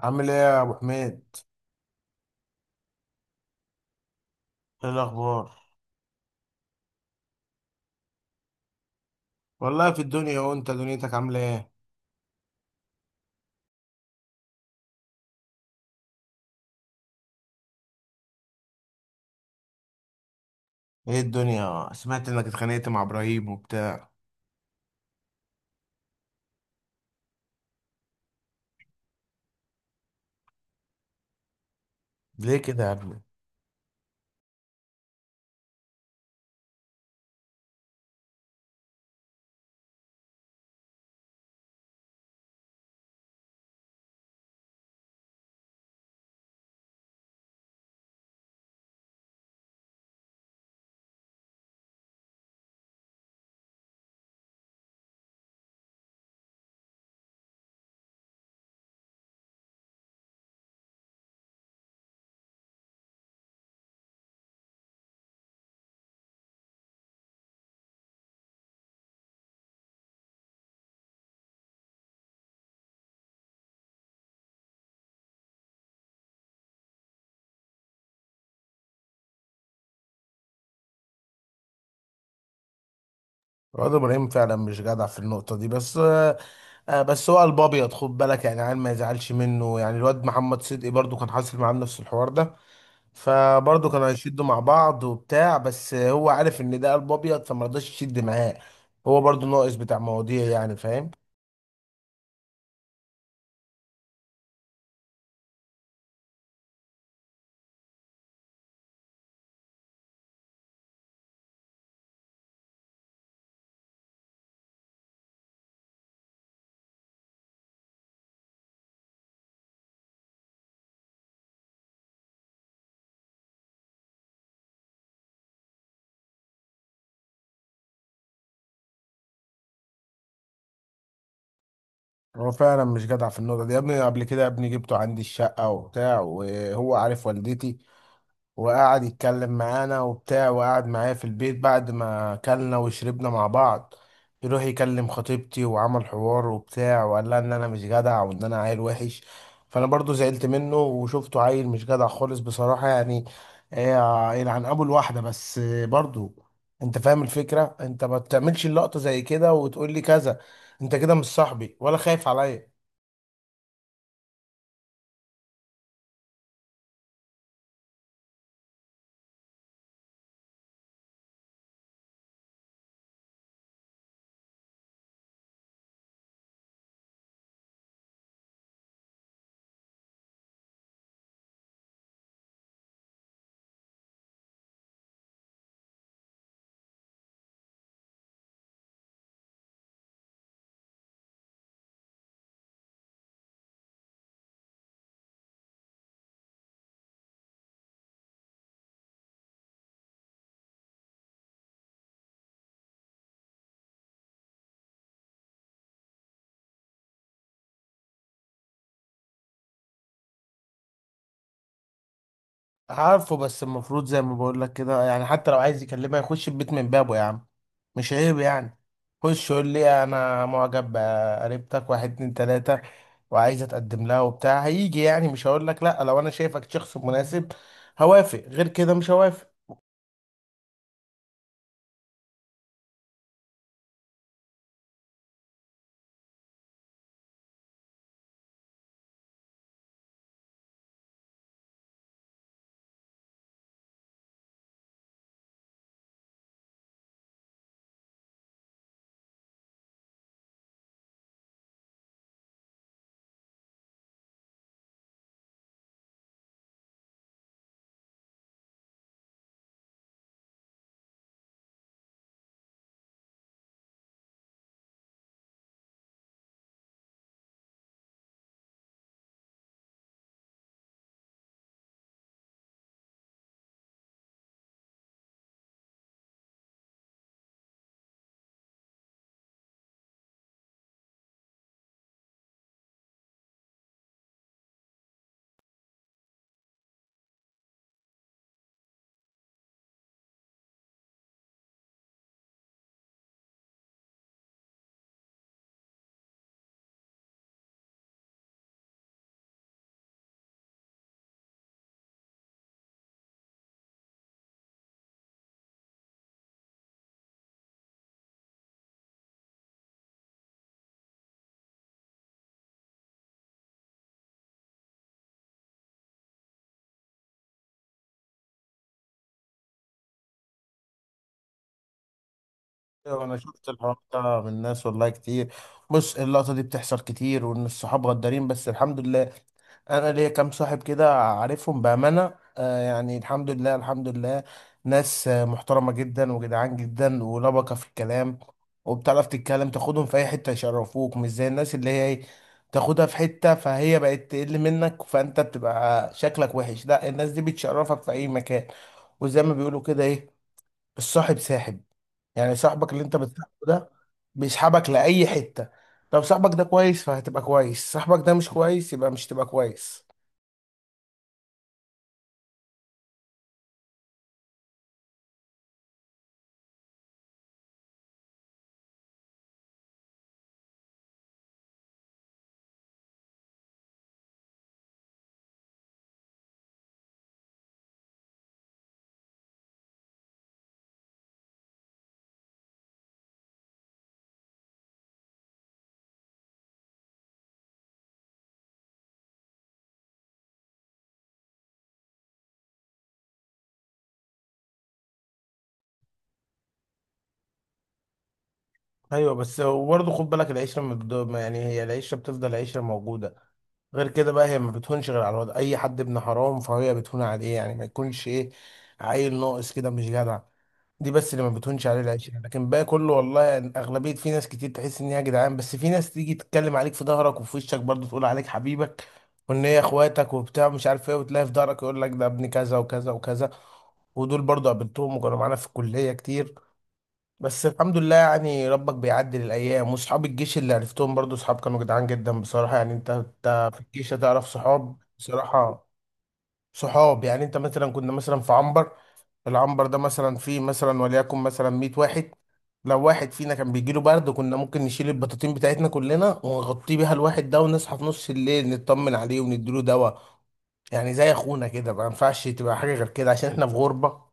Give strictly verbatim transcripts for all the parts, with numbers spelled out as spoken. عامل ايه يا ابو حميد؟ ايه الاخبار؟ والله في الدنيا، وانت دنيتك عامله ايه؟ ايه الدنيا، سمعت انك اتخانقت مع ابراهيم وبتاع. ليه كده يا ابني؟ الواد ابراهيم فعلا مش جدع في النقطه دي، بس آه آه، بس هو قلب ابيض، خد بالك، يعني عيل ما يزعلش منه. يعني الواد محمد صدقي برضو كان حاصل معاه نفس الحوار ده، فبرضه كانوا هيشدوا مع بعض وبتاع، بس هو عارف ان ده قلب ابيض فما رضاش يشد معاه. هو برضه ناقص بتاع مواضيع، يعني فاهم. هو فعلا مش جدع في النقطة دي يا ابني. قبل كده يا ابني جبته عندي الشقة وبتاع، وهو عارف والدتي، وقعد يتكلم معانا وبتاع، وقعد معايا في البيت، بعد ما أكلنا وشربنا مع بعض يروح يكلم خطيبتي وعمل حوار وبتاع، وقال لها إن أنا مش جدع وإن أنا عيل وحش. فأنا برضو زعلت منه وشفته عيل مش جدع خالص بصراحة، يعني آه، يلعن أبو الواحدة، بس آه، برضو أنت فاهم الفكرة. أنت ما بتعملش اللقطة زي كده وتقول لي كذا. أنت كده مش صاحبي ولا خايف عليا. عارفه، بس المفروض زي ما بقول لك كده، يعني حتى لو عايز يكلمها يخش البيت من بابه يا عم. مش عيب يعني؟ خش يقول لي انا معجب بقريبتك، واحد اتنين تلاته، وعايز اتقدم لها وبتاع. هيجي يعني مش هقول لك لا؟ لو انا شايفك شخص مناسب هوافق، غير كده مش هوافق. ايوه، انا شفت الحوار ده من ناس والله كتير. بص، اللقطه دي بتحصل كتير، وان الصحاب غدارين، بس الحمد لله انا ليا كام صاحب كده عارفهم بامانه، آه يعني، الحمد لله الحمد لله. ناس آه، محترمه جدا وجدعان جدا ولبقه في الكلام، وبتعرف تتكلم، تاخدهم في اي حته يشرفوك، مش زي الناس اللي هي إيه، تاخدها في حته فهي بقت تقل منك، فانت بتبقى شكلك وحش. لا، الناس دي بتشرفك في اي مكان. وزي ما بيقولوا كده ايه، الصاحب ساحب، يعني صاحبك اللي انت بتصاحبه ده بيسحبك لأي حتة. لو صاحبك ده كويس فهتبقى كويس، صاحبك ده مش كويس يبقى مش تبقى كويس. ايوه، بس برضه خد بالك، العشرة من الدوم، يعني هي العشرة بتفضل عشرة موجودة. غير كده بقى هي ما بتهونش غير على الواد اي حد ابن حرام، فهي بتهون عليه، يعني ما يكونش ايه، عيل ناقص كده مش جدع. دي بس اللي ما بتهونش عليه العيش يعني. لكن بقى كله والله اغلبيه، في ناس كتير تحس ان هي يا جدعان، بس في ناس تيجي تتكلم عليك في ظهرك وفي وشك، برضه تقول عليك حبيبك وان هي اخواتك وبتاع، مش عارف ايه، وتلاقي في ظهرك يقول لك ده ابن كذا وكذا وكذا. ودول برضه قابلتهم وكانوا معانا في الكليه كتير، بس الحمد لله يعني، ربك بيعدل الايام. وصحاب الجيش اللي عرفتهم برضو صحاب كانوا جدعان جدا بصراحه، يعني انت انت في الجيش هتعرف صحاب بصراحه. صحاب يعني، انت مثلا كنا مثلا في عنبر، العنبر ده مثلا فيه مثلا وليكن مثلا مية واحد، لو واحد فينا كان بيجيله برد كنا ممكن نشيل البطاطين بتاعتنا كلنا ونغطيه بيها الواحد ده، ونصحى في نص الليل نطمن عليه ونديله دواء، يعني زي اخونا كده. ما ينفعش تبقى حاجه غير كده، عشان احنا في غربه.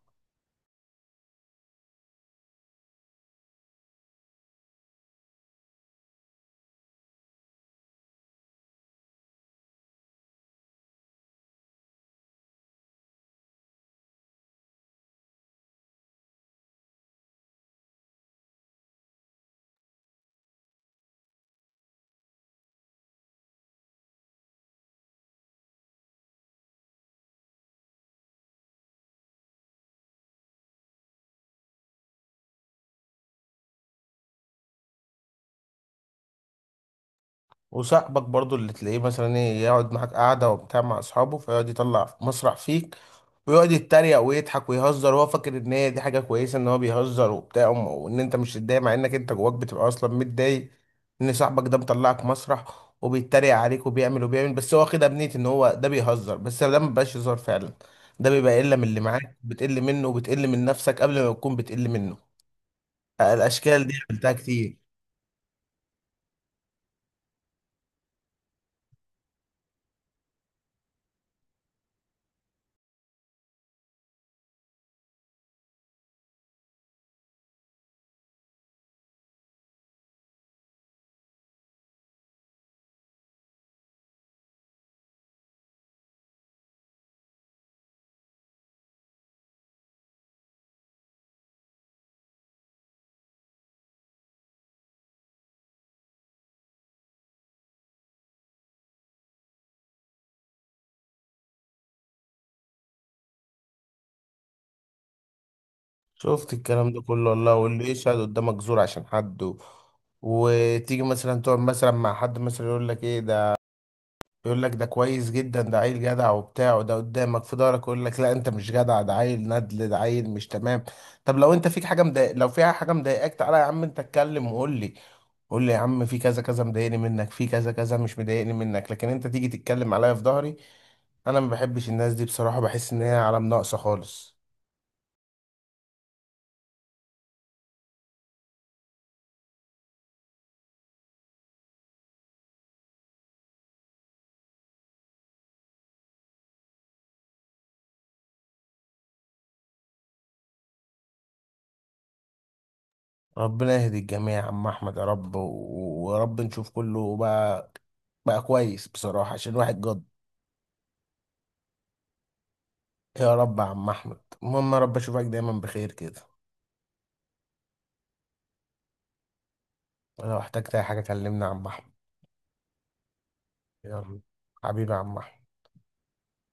وصاحبك برضو اللي تلاقيه مثلا ايه يقعد معاك قعدة وبتاع مع اصحابه، فيقعد يطلع مسرح فيك ويقعد يتريق ويضحك ويهزر، وهو فاكر ان هي دي حاجة كويسة، ان هو بيهزر وبتاع، وم- وان انت مش متضايق، مع انك انت جواك بتبقى اصلا متضايق ان صاحبك ده مطلعك مسرح وبيتريق عليك وبيعمل وبيعمل. بس هو واخدها بنية ان هو ده بيهزر، بس ده مبيبقاش هزار فعلا، ده بيبقى قلة من اللي معاك بتقل منه، وبتقل من نفسك قبل ما تكون بتقل منه. الاشكال دي عملتها كتير. شفت الكلام ده كله والله، واللي يشهد قدامك زور عشان حد و... وتيجي مثلا تقعد مثلا مع حد مثلا يقول لك ايه ده، يقول لك ده كويس جدا ده عيل جدع وبتاع، وده قدامك في ظهرك يقول لك لا، انت مش جدع، ده عيل ندل، ده عيل مش تمام. طب لو انت فيك حاجه مضايق، لو فيها حاجه مضايقاك، تعالى يا عم انت اتكلم وقول لي، قول لي يا عم في كذا كذا مضايقني منك، في كذا كذا مش مضايقني منك، لكن انت تيجي تتكلم عليا في ظهري، انا ما بحبش الناس دي بصراحه، بحس ان هي علم ناقصه خالص. ربنا يهدي الجميع يا عم احمد يا رب، و- ويا رب نشوف كله بقى، بقى كويس بصراحة، عشان الواحد جد. يا رب يا عم احمد، المهم يا رب اشوفك دايما بخير كده، ولو احتجت اي حاجة كلمني يا عم احمد. يلا، حبيبي يا عم احمد.